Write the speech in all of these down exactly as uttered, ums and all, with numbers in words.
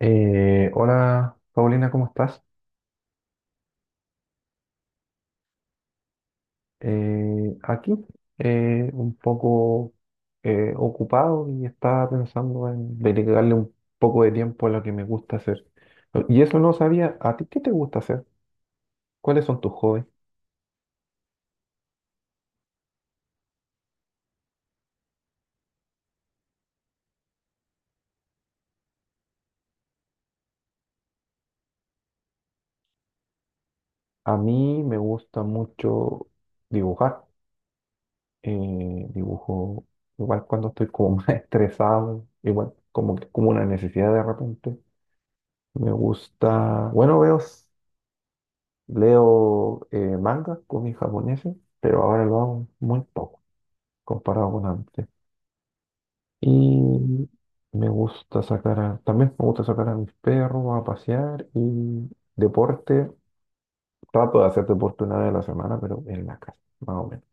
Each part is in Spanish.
Eh, hola, Paulina, ¿cómo estás? Eh, aquí eh, un poco eh, ocupado y estaba pensando en dedicarle un poco de tiempo a lo que me gusta hacer. Y eso no sabía, ¿a ti qué te gusta hacer? ¿Cuáles son tus hobbies? A mí me gusta mucho dibujar. Eh, dibujo igual cuando estoy como más estresado, igual como que como una necesidad de repente. Me gusta, bueno, veo, leo eh, mangas, cómics japoneses, pero ahora lo hago muy poco comparado con antes. Y me gusta sacar a- también me gusta sacar a mis perros a pasear y deporte. Trato de hacer deporte una vez a la semana, pero en la casa, más o menos.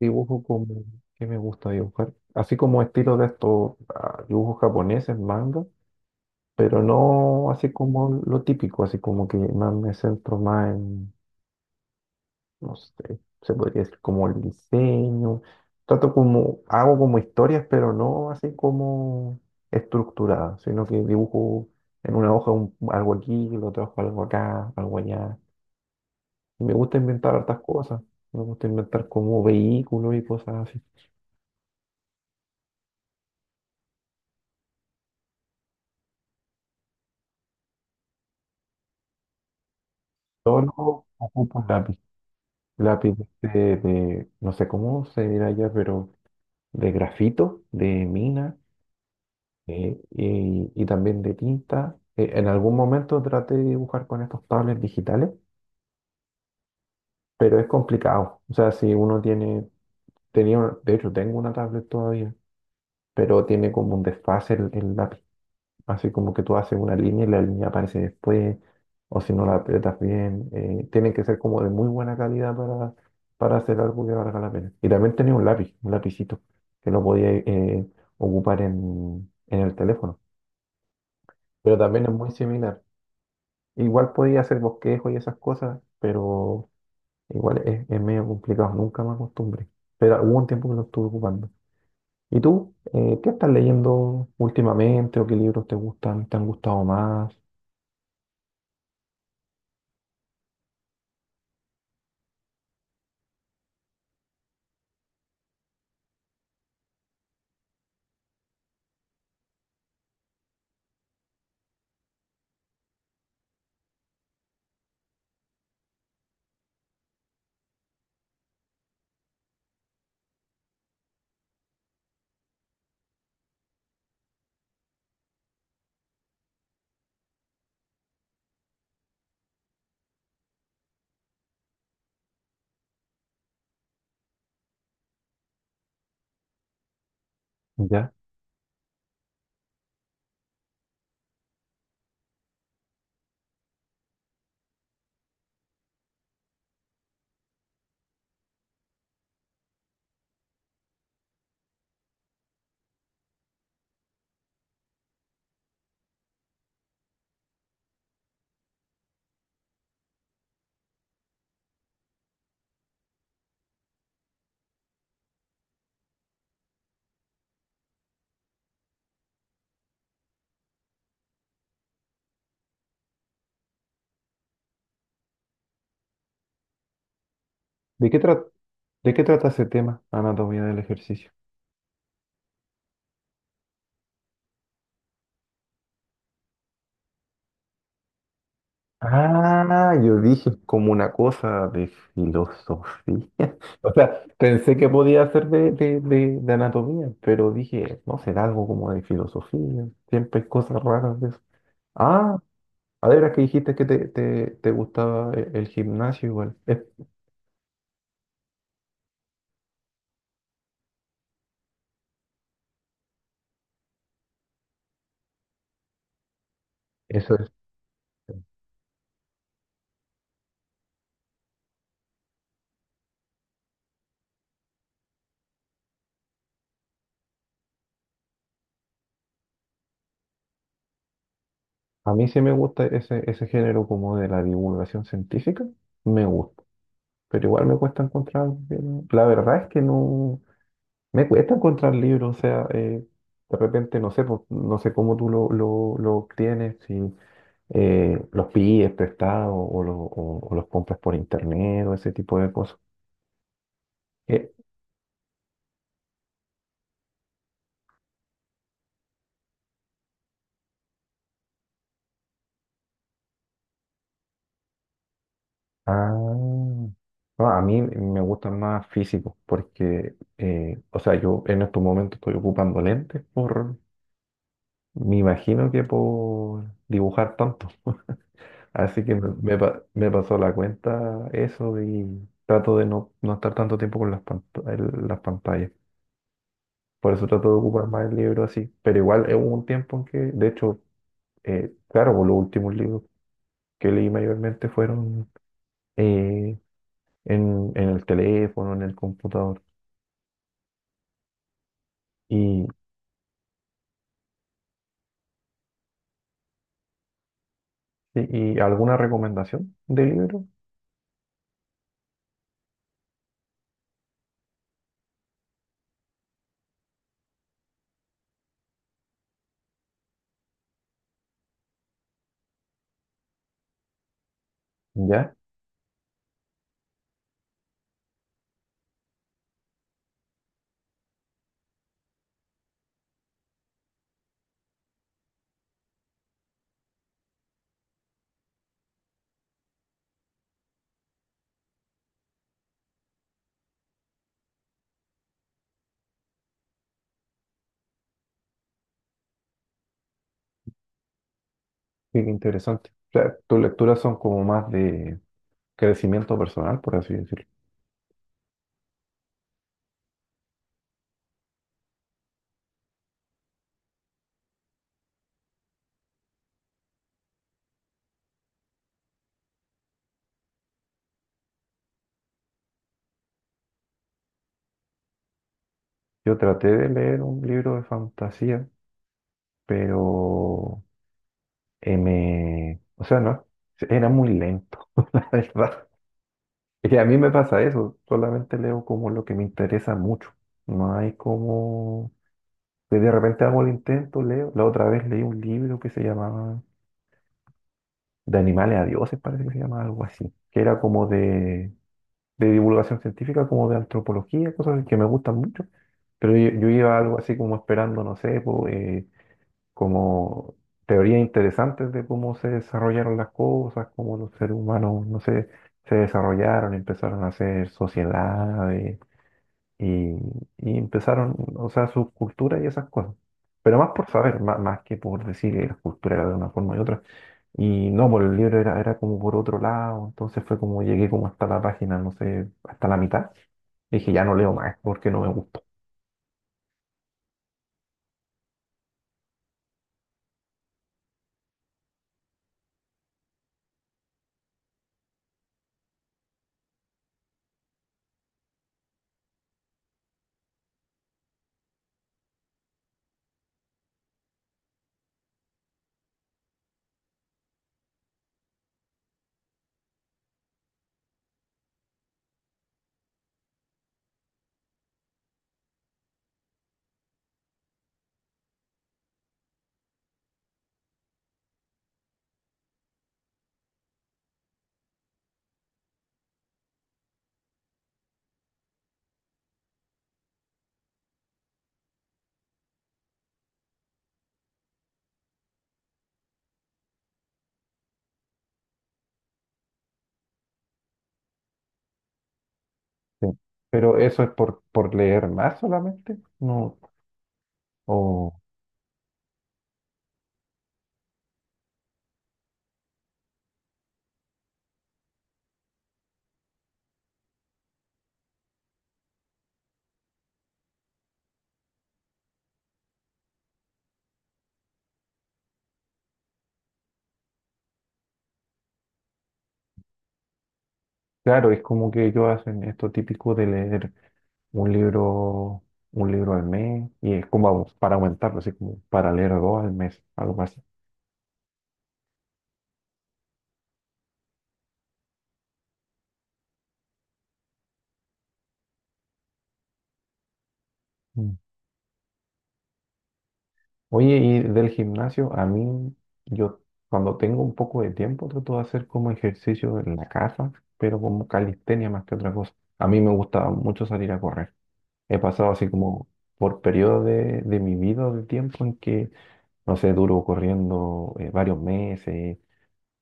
Dibujo como, ¿qué me gusta dibujar? Así como estilo de estos ah, dibujos japoneses, manga, pero no así como lo típico, así como que más me centro más en, no sé, se podría decir como el diseño, trato como, hago como historias, pero no así como estructuradas, sino que dibujo en una hoja un- algo aquí, lo trabajo algo acá, algo allá. Y me gusta inventar hartas cosas, me gusta inventar como vehículos y cosas así. Solo ocupo un lápiz, lápiz de, de- no sé cómo se dirá ya, pero de grafito, de mina. Sí, y, y también de tinta. Eh, En algún momento traté de dibujar con estos tablets digitales, pero es complicado. O sea, si uno tiene, tenía, una- de hecho tengo una tablet todavía, pero tiene como un desfase el, el lápiz. Así como que tú haces una línea y la línea aparece después, o si no la aprietas bien. Eh, tiene que ser como de muy buena calidad para, para hacer algo que valga la pena. Y también tenía un lápiz, un lapicito, que lo podía eh, ocupar en, en el teléfono. Pero también es muy similar. Igual podía hacer bosquejo y esas cosas, pero igual es, es medio complicado, nunca me acostumbré. Pero hubo un tiempo que lo estuve ocupando. ¿Y tú? Eh, ¿qué estás leyendo últimamente o qué libros te gustan, te han gustado más? ¿Ya? ¿De qué trata, de qué trata ese tema, anatomía del ejercicio? Ah, yo dije como una cosa de filosofía. O sea, pensé que podía ser de, de, de, de anatomía, pero dije, no será algo como de filosofía. Siempre hay cosas raras de eso. Ah, a ver, que dijiste que te, te, te gustaba e- el gimnasio igual. Es- Eso es. A mí sí me gusta ese, ese género como de la divulgación científica, me gusta, pero igual me cuesta encontrar, bien- la verdad es que no, me cuesta encontrar libros, o sea, eh, de repente no sé, pues, no sé cómo tú lo, lo, lo obtienes, si eh, los pides prestados o, lo- o- o los compras por internet o ese tipo de cosas. Eh, Ah, no, a mí me gustan más físicos porque, eh, o sea, yo en estos momentos estoy ocupando lentes por, me imagino que por dibujar tanto. Así que me, me pa- me pasó la cuenta eso y trato de no, no estar tanto tiempo con las, pant- el- las pantallas. Por eso trato de ocupar más el libro así. Pero igual eh, hubo un tiempo en que, de hecho, eh, claro, por los últimos libros que leí mayormente fueron eh, en en el teléfono, en el computador. ¿Y, y, y alguna recomendación de libro? Ya, qué interesante. O sea, tus lecturas son como más de crecimiento personal, por así decirlo. Yo traté de leer un libro de fantasía, pero eh, me... O sea, no, era muy lento, la verdad. Y a mí me pasa eso, solamente leo como lo que me interesa mucho. No hay como... que de repente hago el intento, leo. La otra vez leí un libro que se llamaba De animales a dioses, parece que se llama algo así, que era como de, de divulgación científica, como de antropología, cosas que me gustan mucho, pero yo, yo iba algo así como esperando, no sé, po, eh, como teorías interesantes de cómo se desarrollaron las cosas, cómo los seres humanos, no sé, se desarrollaron, empezaron a hacer sociedades, y, y empezaron, o sea, su cultura y esas cosas. Pero más por saber, má- más, que por decir que la cultura era de una forma y otra. Y no, por el libro era, era como por otro lado. Entonces fue como llegué como hasta la página, no sé, hasta la mitad. Dije, ya no leo más porque no me gustó. Sí. Pero eso es por, por leer más solamente. No, o, claro, es como que ellos hacen esto típico de leer un libro, un libro al mes. Y es como para aumentarlo, así como para leer dos al mes, algo así. Mm. Oye, y del gimnasio, a mí, yo cuando tengo un poco de tiempo trato de hacer como ejercicio en la casa, pero como calistenia más que otra cosa. A mí me gusta mucho salir a correr. He pasado así como por periodos de, de mi vida o de tiempo en que, no sé, duro corriendo eh, varios meses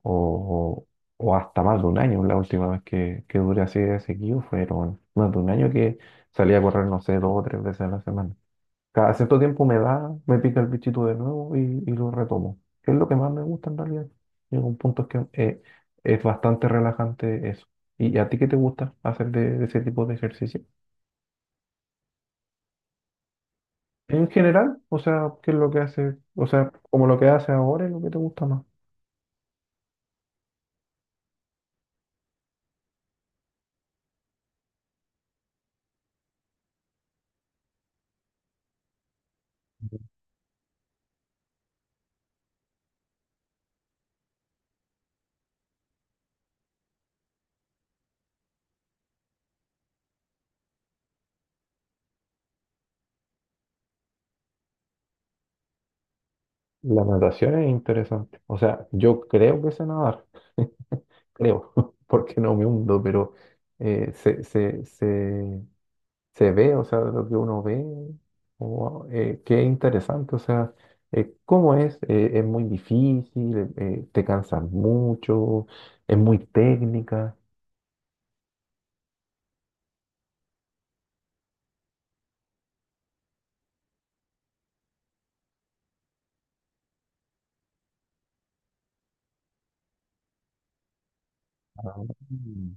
o, o hasta más de un año. La última vez que, que duré así de seguido fueron más de un año que salí a correr, no sé, dos o tres veces a la semana. Cada cierto tiempo me da, me pica el bichito de nuevo y, y lo retomo. Que es lo que más me gusta en realidad. Llega un punto que eh, es bastante relajante eso. ¿Y, y a ti qué te gusta hacer de, de ese tipo de ejercicio? En general, o sea, ¿qué es lo que hace? O sea, como lo que hace ahora es lo que te gusta más. La natación es interesante. O sea, yo creo que sé nadar, creo, porque no me hundo, pero eh, sé, sé, sé, se ve, o sea, lo que uno ve, o, eh, qué interesante, o sea, eh, cómo es, eh, es muy difícil, eh, eh, te cansas mucho, es muy técnica. Ah, mm,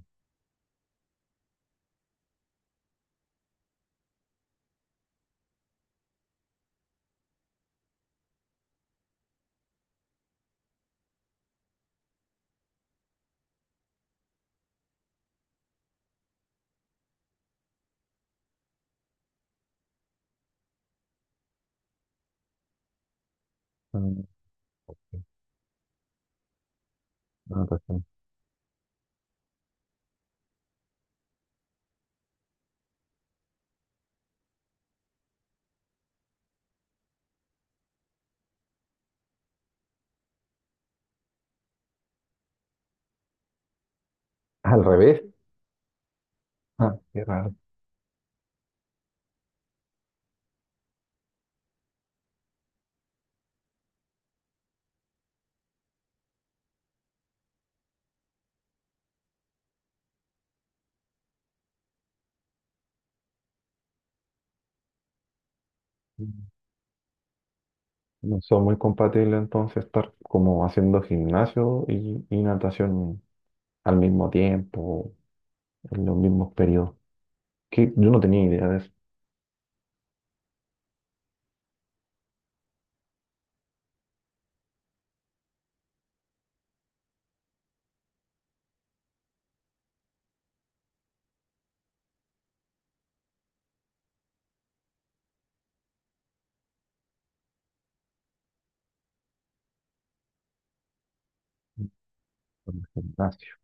mm, ah, pues sí. Al revés, ah, qué raro. Mm. No son muy compatibles entonces estar como haciendo gimnasio y, y natación al mismo tiempo, en los mismos periodos. Que yo no tenía idea de eso. Gimnasio.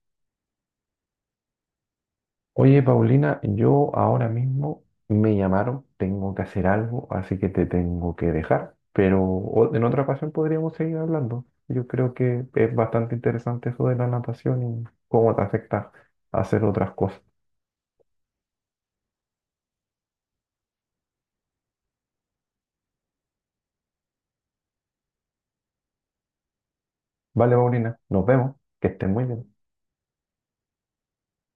Oye, Paulina, yo ahora mismo me llamaron, tengo que hacer algo, así que te tengo que dejar, pero o- en otra ocasión podríamos seguir hablando. Yo creo que es bastante interesante eso de la natación y cómo te afecta hacer otras cosas. Vale, Paulina, nos vemos, que estés muy bien.